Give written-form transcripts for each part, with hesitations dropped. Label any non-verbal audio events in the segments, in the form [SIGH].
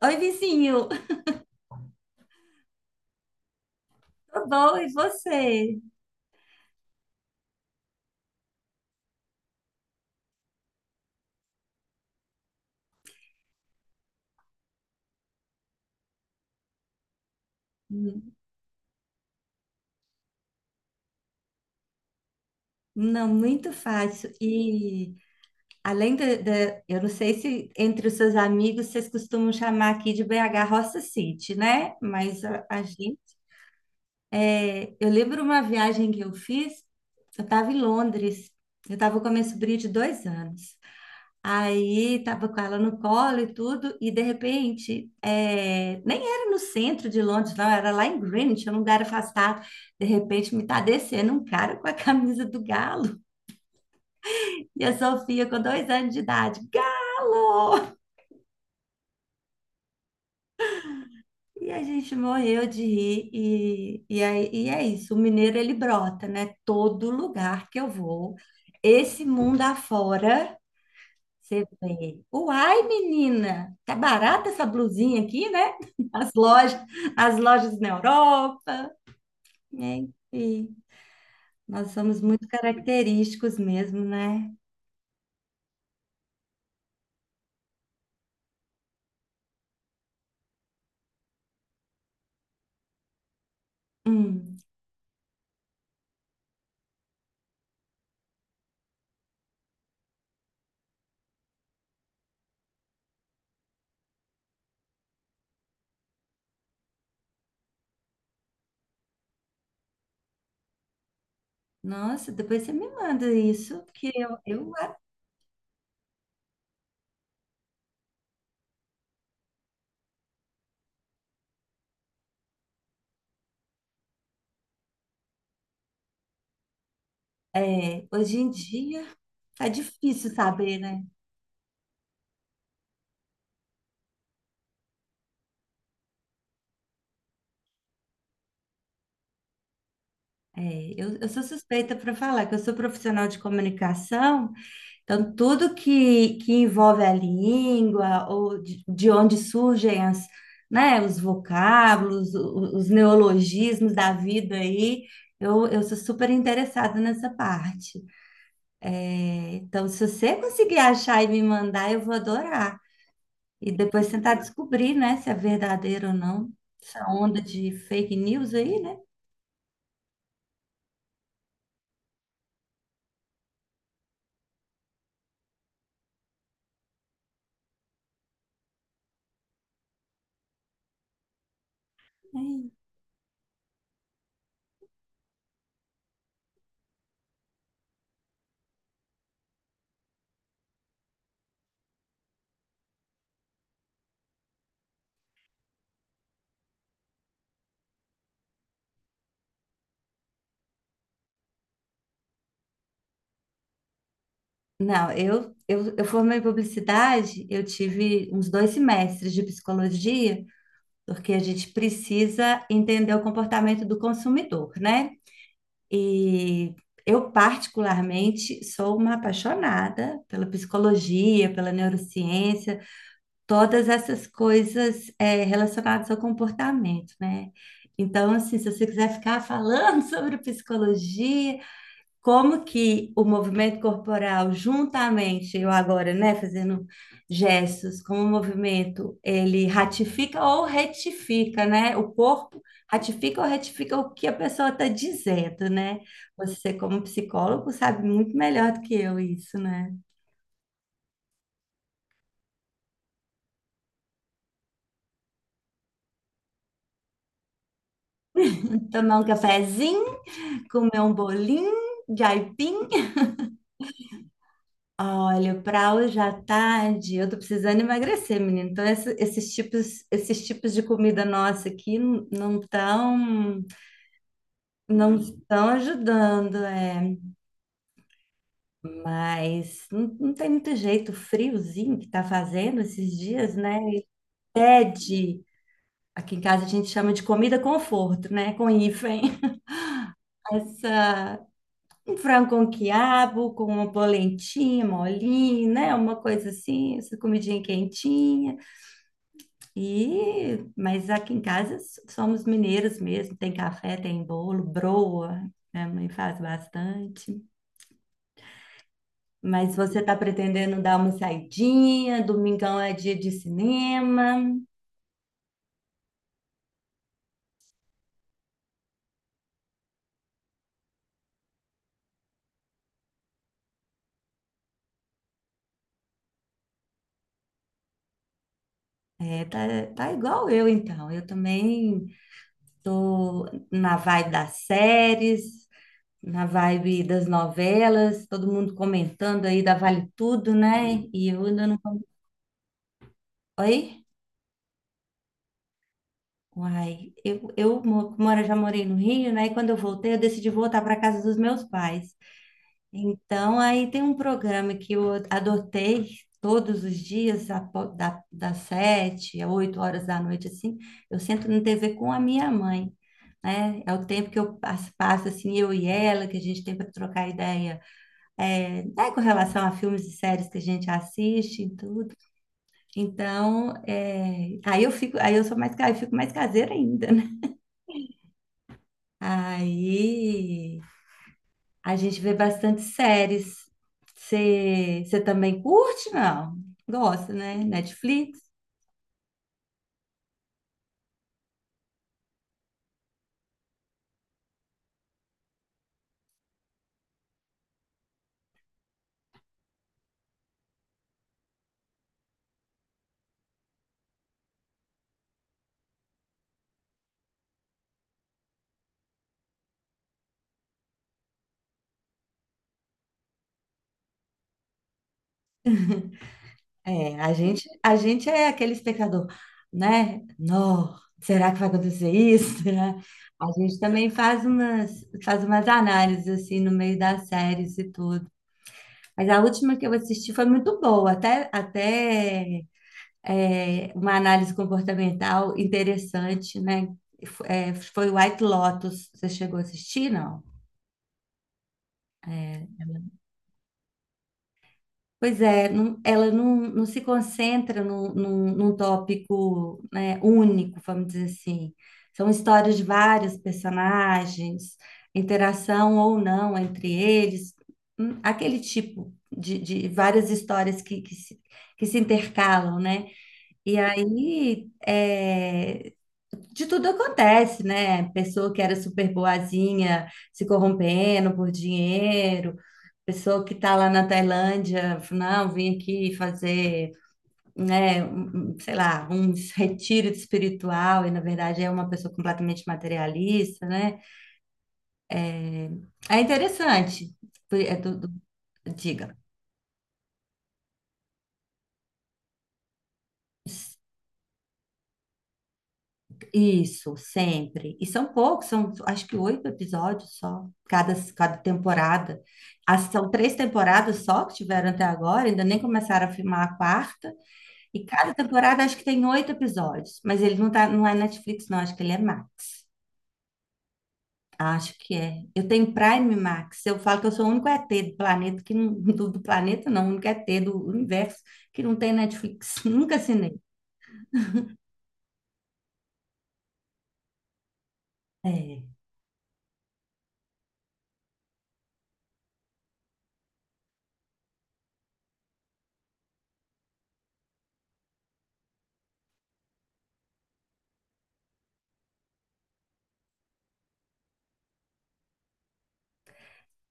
Oi, vizinho, tudo bom? E você? Hum, Não, muito fácil. E além eu não sei se entre os seus amigos vocês costumam chamar aqui de BH Roça City, né? Eu lembro uma viagem que eu fiz, eu estava em Londres, eu estava com a minha sobrinha de 2 anos. Aí tava com ela no colo e tudo, e de repente, nem era no centro de Londres, não, era lá em Greenwich, um lugar afastado. De repente me tá descendo um cara com a camisa do Galo [LAUGHS] e a Sofia com 2 anos de idade, Galo! E a gente morreu de rir, e, aí, e é isso, o mineiro ele brota, né? Todo lugar que eu vou, esse mundo afora. Você vê. Uai, menina, tá barata essa blusinha aqui, né? [LAUGHS] As lojas, as lojas na Europa. Enfim, nós somos muito característicos mesmo, né? Hum. Nossa, depois você me manda isso, porque hoje em dia tá difícil saber, né? É, eu sou suspeita para falar que eu sou profissional de comunicação. Então, tudo que envolve a língua, ou de onde surgem né, os vocábulos, os neologismos da vida aí, eu sou super interessada nessa parte. Então, se você conseguir achar e me mandar, eu vou adorar. E depois tentar descobrir, né, se é verdadeiro ou não. Essa onda de fake news aí, né? Ai. Não, eu formei em publicidade, eu tive uns 2 semestres de psicologia, porque a gente precisa entender o comportamento do consumidor, né? E eu, particularmente, sou uma apaixonada pela psicologia, pela neurociência, todas essas coisas relacionadas ao comportamento, né? Então, assim, se você quiser ficar falando [LAUGHS] sobre psicologia, como que o movimento corporal, juntamente, eu agora, né, fazendo gestos, como o movimento, ele ratifica ou retifica, né? O corpo ratifica ou retifica o que a pessoa está dizendo, né? Você, como psicólogo, sabe muito melhor do que eu isso, né? Tomar um cafezinho, comer um bolinho de aipim. Olha, para hoje à tarde, eu tô precisando emagrecer, menino. Então, esses tipos de comida nossa aqui não estão, não estão ajudando, é. Mas não tem muito jeito, o friozinho que tá fazendo esses dias, né? Pede. Aqui em casa a gente chama de comida conforto, né? Com hífen. [LAUGHS] Essa, um frango com quiabo, com uma polentinha, molinho, né? Uma coisa assim, essa comidinha quentinha. E, mas aqui em casa somos mineiros mesmo, tem café, tem bolo, broa, minha mãe faz bastante. Mas você está pretendendo dar uma saidinha, domingão é dia de cinema. É, tá, tá igual eu então. Eu também tô na vibe das séries, na vibe das novelas, todo mundo comentando aí da Vale Tudo, né? E eu ainda não. Oi? Uai, eu já morei no Rio, né? E quando eu voltei, eu decidi voltar para casa dos meus pais. Então, aí tem um programa que eu adotei todos os dias, das 7 às 8 horas da noite, assim. Eu sento na TV com a minha mãe, né? É o tempo que eu passo, passo assim, eu e ela, que a gente tem para trocar ideia, né, com relação a filmes e séries que a gente assiste e tudo. Então, aí eu fico, aí eu sou mais, eu fico mais caseira ainda. Aí a gente vê bastante séries. Você também curte, não? Gosta, né? Netflix? É, a gente é aquele espectador, né? Não, será que vai acontecer isso? [LAUGHS] Será? A gente também faz umas análises assim no meio das séries e tudo. Mas a última que eu assisti foi muito boa, até uma análise comportamental interessante, né? Foi White Lotus. Você chegou a assistir, não? Pois é, ela não se concentra num, num tópico, né, único, vamos dizer assim. São histórias de vários personagens, interação ou não entre eles, aquele tipo de várias histórias que se intercalam, né? E aí, de tudo acontece, né? Pessoa que era super boazinha se corrompendo por dinheiro, pessoa que tá lá na Tailândia, não, vim aqui fazer, né, um, sei lá, um retiro espiritual e na verdade é uma pessoa completamente materialista, né? É interessante. É do, do- diga. Isso, sempre. E são poucos, são acho que 8 episódios só, cada temporada. As, são 3 temporadas só que tiveram até agora, ainda nem começaram a filmar a quarta. E cada temporada acho que tem 8 episódios, mas ele não é Netflix, não, acho que ele é Max. Acho que é. Eu tenho Prime Max. Eu falo que eu sou o único ET do planeta que não, [LAUGHS] do planeta não, o único ET do universo que não tem Netflix. [LAUGHS] Nunca assinei. É,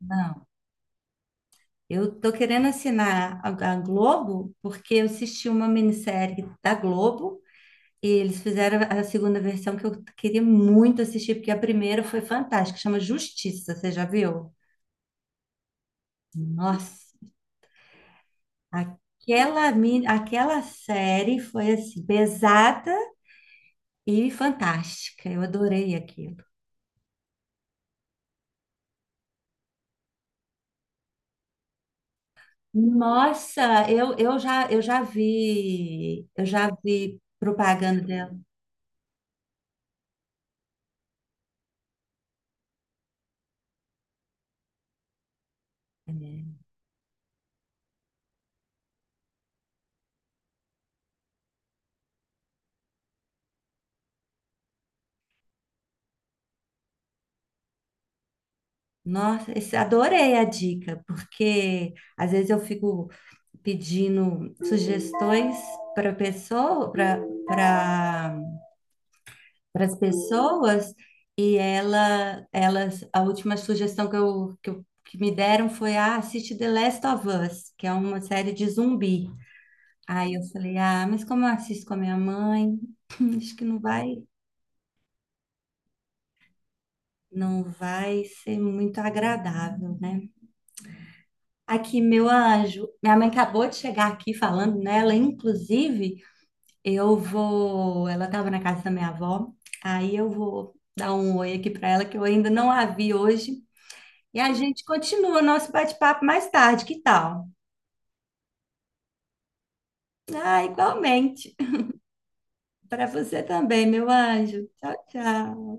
não. Eu tô querendo assinar a Globo porque eu assisti uma minissérie da Globo e eles fizeram a segunda versão que eu queria muito assistir, porque a primeira foi fantástica, chama Justiça, você já viu? Nossa, aquela série foi assim, pesada e fantástica. Eu adorei aquilo. Nossa, eu já vi eu já vi propaganda dela. É. Nossa, adorei a dica, porque às vezes eu fico pedindo sugestões para pessoa, para para as pessoas a última sugestão que me deram foi ah, assiste The Last of Us, que é uma série de zumbi. Aí eu falei, ah, mas como eu assisto com a minha mãe, acho que não vai, não vai ser muito agradável, né? Aqui, meu anjo, minha mãe acabou de chegar aqui falando nela. Inclusive, eu vou. Ela estava na casa da minha avó, aí eu vou dar um oi aqui para ela, que eu ainda não a vi hoje. E a gente continua o nosso bate-papo mais tarde, que tal? Ah, igualmente. Para você também, meu anjo. Tchau, tchau.